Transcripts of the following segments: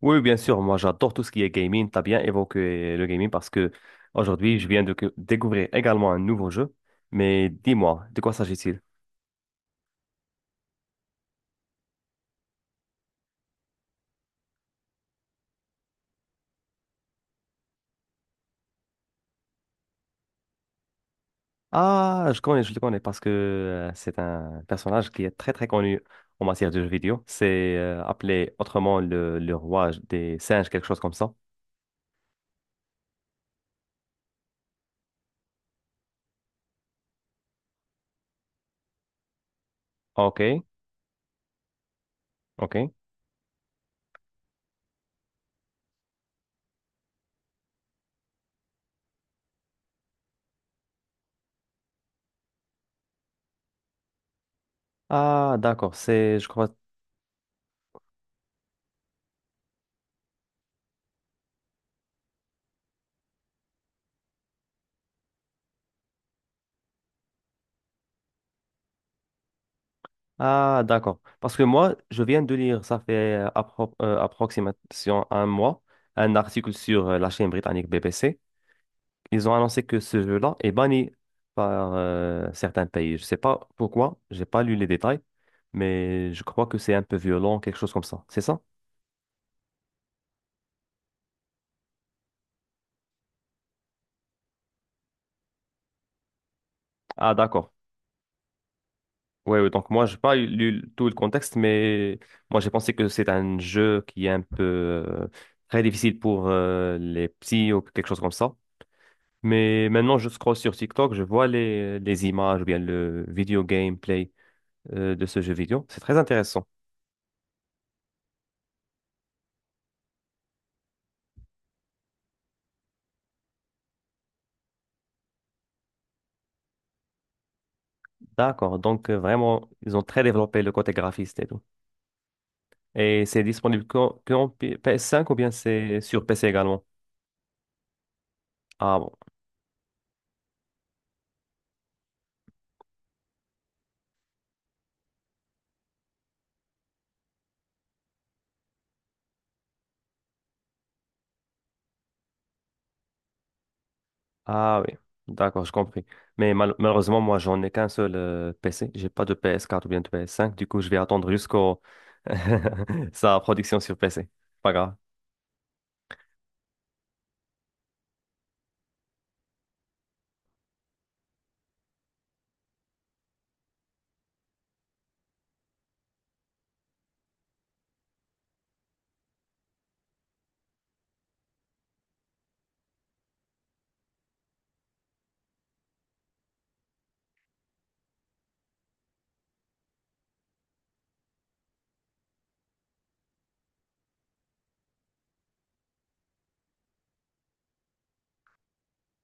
Oui, oui, bien sûr, moi j'adore tout ce qui est gaming. T'as bien évoqué le gaming parce que aujourd'hui je viens de découvrir également un nouveau jeu. Mais dis-moi, de quoi s'agit-il? Ah, je connais, je le connais parce que c'est un personnage qui est très très connu en matière de jeux vidéo. C'est appelé autrement le roi des singes, quelque chose comme ça. Ok, ok. Ah, d'accord, c'est, je crois. Ah, d'accord. Parce que moi, je viens de lire, ça fait approximation un mois, un article sur la chaîne britannique BBC. Ils ont annoncé que ce jeu-là est banni par certains pays. Je sais pas pourquoi, j'ai pas lu les détails, mais je crois que c'est un peu violent, quelque chose comme ça. C'est ça? Ah, d'accord. Oui, ouais, donc moi, j'ai pas lu tout le contexte, mais moi, j'ai pensé que c'est un jeu qui est un peu très difficile pour les petits ou quelque chose comme ça. Mais maintenant, je scrolle sur TikTok, je vois les images ou bien le vidéo gameplay de ce jeu vidéo. C'est très intéressant. D'accord. Donc, vraiment, ils ont très développé le côté graphiste et tout. Et c'est disponible qu'en PS5 ou bien c'est sur PC également? Ah bon. Ah oui. D'accord, je compris. Mais malheureusement, moi, j'en ai qu'un seul PC. J'ai pas de PS4 ou bien de PS5. Du coup, je vais attendre jusqu'au sa production sur PC. Pas grave.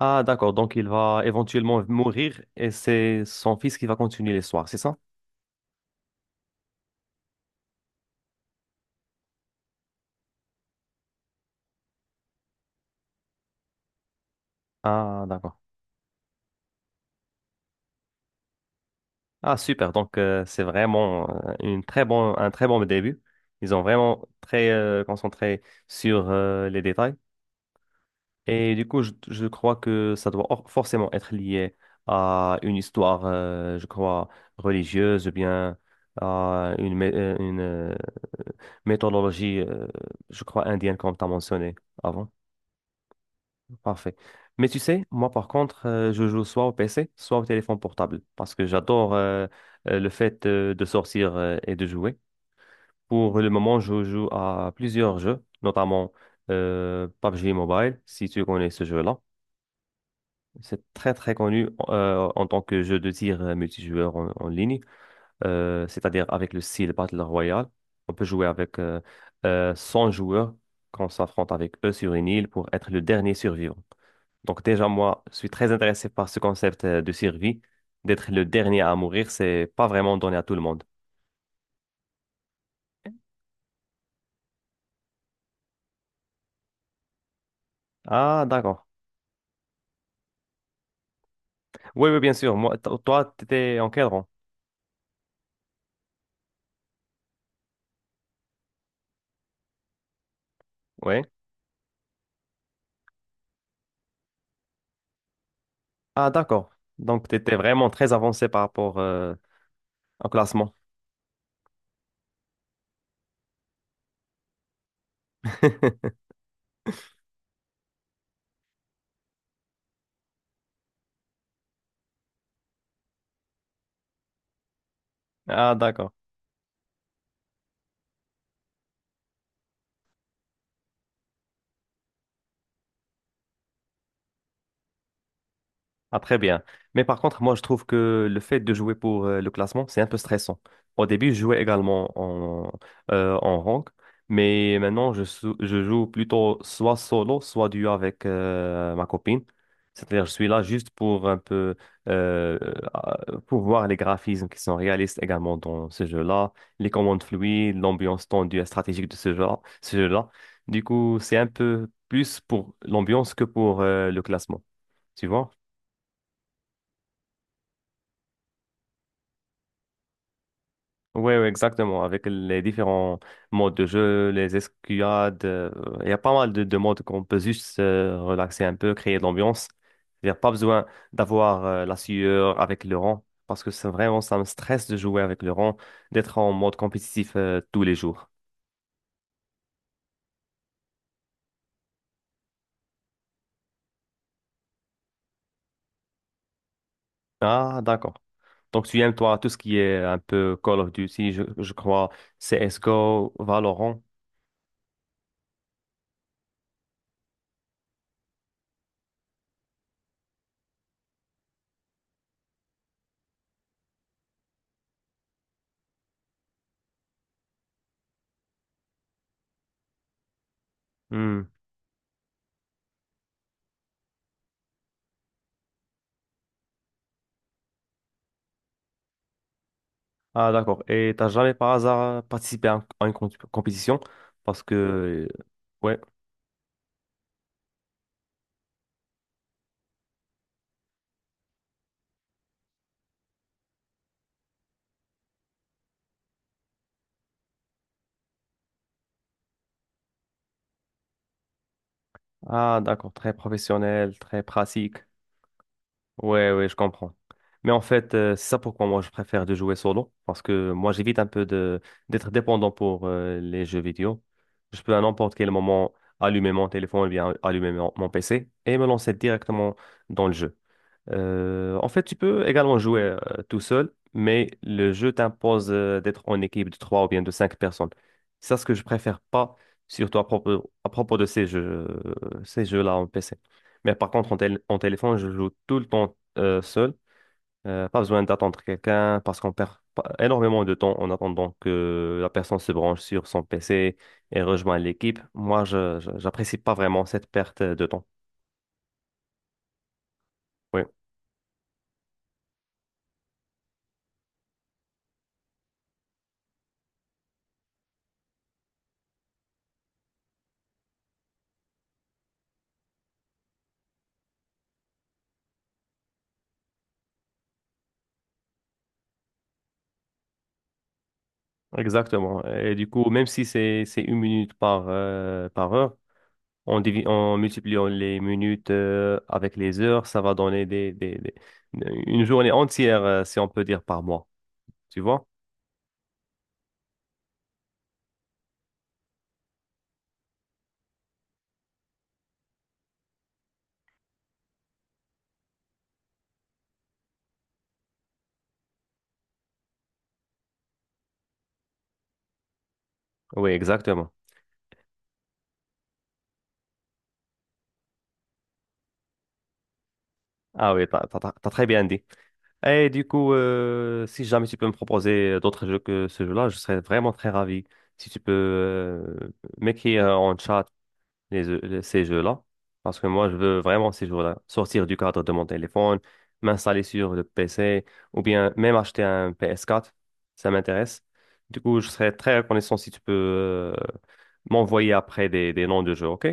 Ah, d'accord. Donc, il va éventuellement mourir et c'est son fils qui va continuer l'histoire, c'est ça? Ah, d'accord. Ah, super. Donc, c'est vraiment un très bon début. Ils ont vraiment très concentré sur les détails. Et du coup, je crois que ça doit forcément être lié à une histoire, je crois, religieuse ou bien à une méthodologie, je crois, indienne, comme tu as mentionné avant. Parfait. Mais tu sais, moi par contre, je joue soit au PC, soit au téléphone portable, parce que j'adore le fait de sortir et de jouer. Pour le moment, je joue à plusieurs jeux, notamment PUBG Mobile, si tu connais ce jeu-là. C'est très très connu en tant que jeu de tir multijoueur en ligne, c'est-à-dire avec le style Battle Royale. On peut jouer avec 100 joueurs quand on s'affronte avec eux sur une île pour être le dernier survivant. Donc déjà, moi, je suis très intéressé par ce concept de survie. D'être le dernier à mourir, c'est pas vraiment donné à tout le monde. Ah, d'accord. Oui, oui, bien sûr. Moi, toi, t'étais encadrant. Oui. Ah, d'accord. Donc, t'étais vraiment très avancé par rapport au classement. Ah, d'accord. Ah, très bien. Mais par contre, moi, je trouve que le fait de jouer pour le classement, c'est un peu stressant. Au début, je jouais également en rank, mais maintenant, je joue plutôt soit solo, soit duo avec ma copine. C'est-à-dire, je suis là juste pour un peu pour voir les graphismes qui sont réalistes également dans ce jeu-là, les commandes fluides, l'ambiance tendue et stratégique de ce jeu-là. Du coup, c'est un peu plus pour l'ambiance que pour le classement, tu vois? Oui, exactement. Avec les différents modes de jeu, les escouades, il y a pas mal de modes qu'on peut juste relaxer un peu, créer de l'ambiance. Il n'y a pas besoin d'avoir la sueur avec le rang, parce que c'est vraiment, ça me stresse de jouer avec le rang, d'être en mode compétitif tous les jours. Ah, d'accord. Donc, tu aimes, toi, tout ce qui est un peu Call of Duty, je crois, CSGO, Valorant. Hmm. Ah, d'accord. Et t'as jamais par hasard participé à, à une compétition? Parce que, ouais. Ah, d'accord. Très professionnel, très pratique. Ouais, ouais, je comprends. Mais en fait, c'est ça pourquoi moi je préfère de jouer solo. Parce que moi, j'évite un peu de d'être dépendant pour les jeux vidéo. Je peux à n'importe quel moment allumer mon téléphone ou bien allumer mon PC et me lancer directement dans le jeu. En fait, tu peux également jouer tout seul, mais le jeu t'impose d'être en équipe de trois ou bien de cinq personnes. C'est ça ce que je préfère pas, surtout à propos de ces jeux-là en PC. Mais par contre, en téléphone, je joue tout le temps seul. Pas besoin d'attendre quelqu'un parce qu'on perd pas- énormément de temps en attendant que la personne se branche sur son PC et rejoigne l'équipe. Moi, j'apprécie pas vraiment cette perte de temps. Exactement. Et du coup, même si c'est une minute par, par heure, en multipliant les minutes avec les heures, ça va donner une journée entière, si on peut dire, par mois. Tu vois? Oui, exactement. Ah oui, t'as très bien dit. Et du coup, si jamais tu peux me proposer d'autres jeux que ce jeu-là, je serais vraiment très ravi. Si tu peux m'écrire en chat ces jeux-là. Parce que moi, je veux vraiment ces jours-là sortir du cadre de mon téléphone, m'installer sur le PC ou bien même acheter un PS4. Ça m'intéresse. Du coup, je serais très reconnaissant si tu peux m'envoyer après des noms de jeux, OK?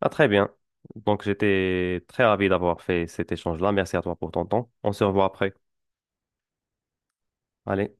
Ah, très bien. Donc, j'étais très ravi d'avoir fait cet échange-là. Merci à toi pour ton temps. On se revoit après. Allez.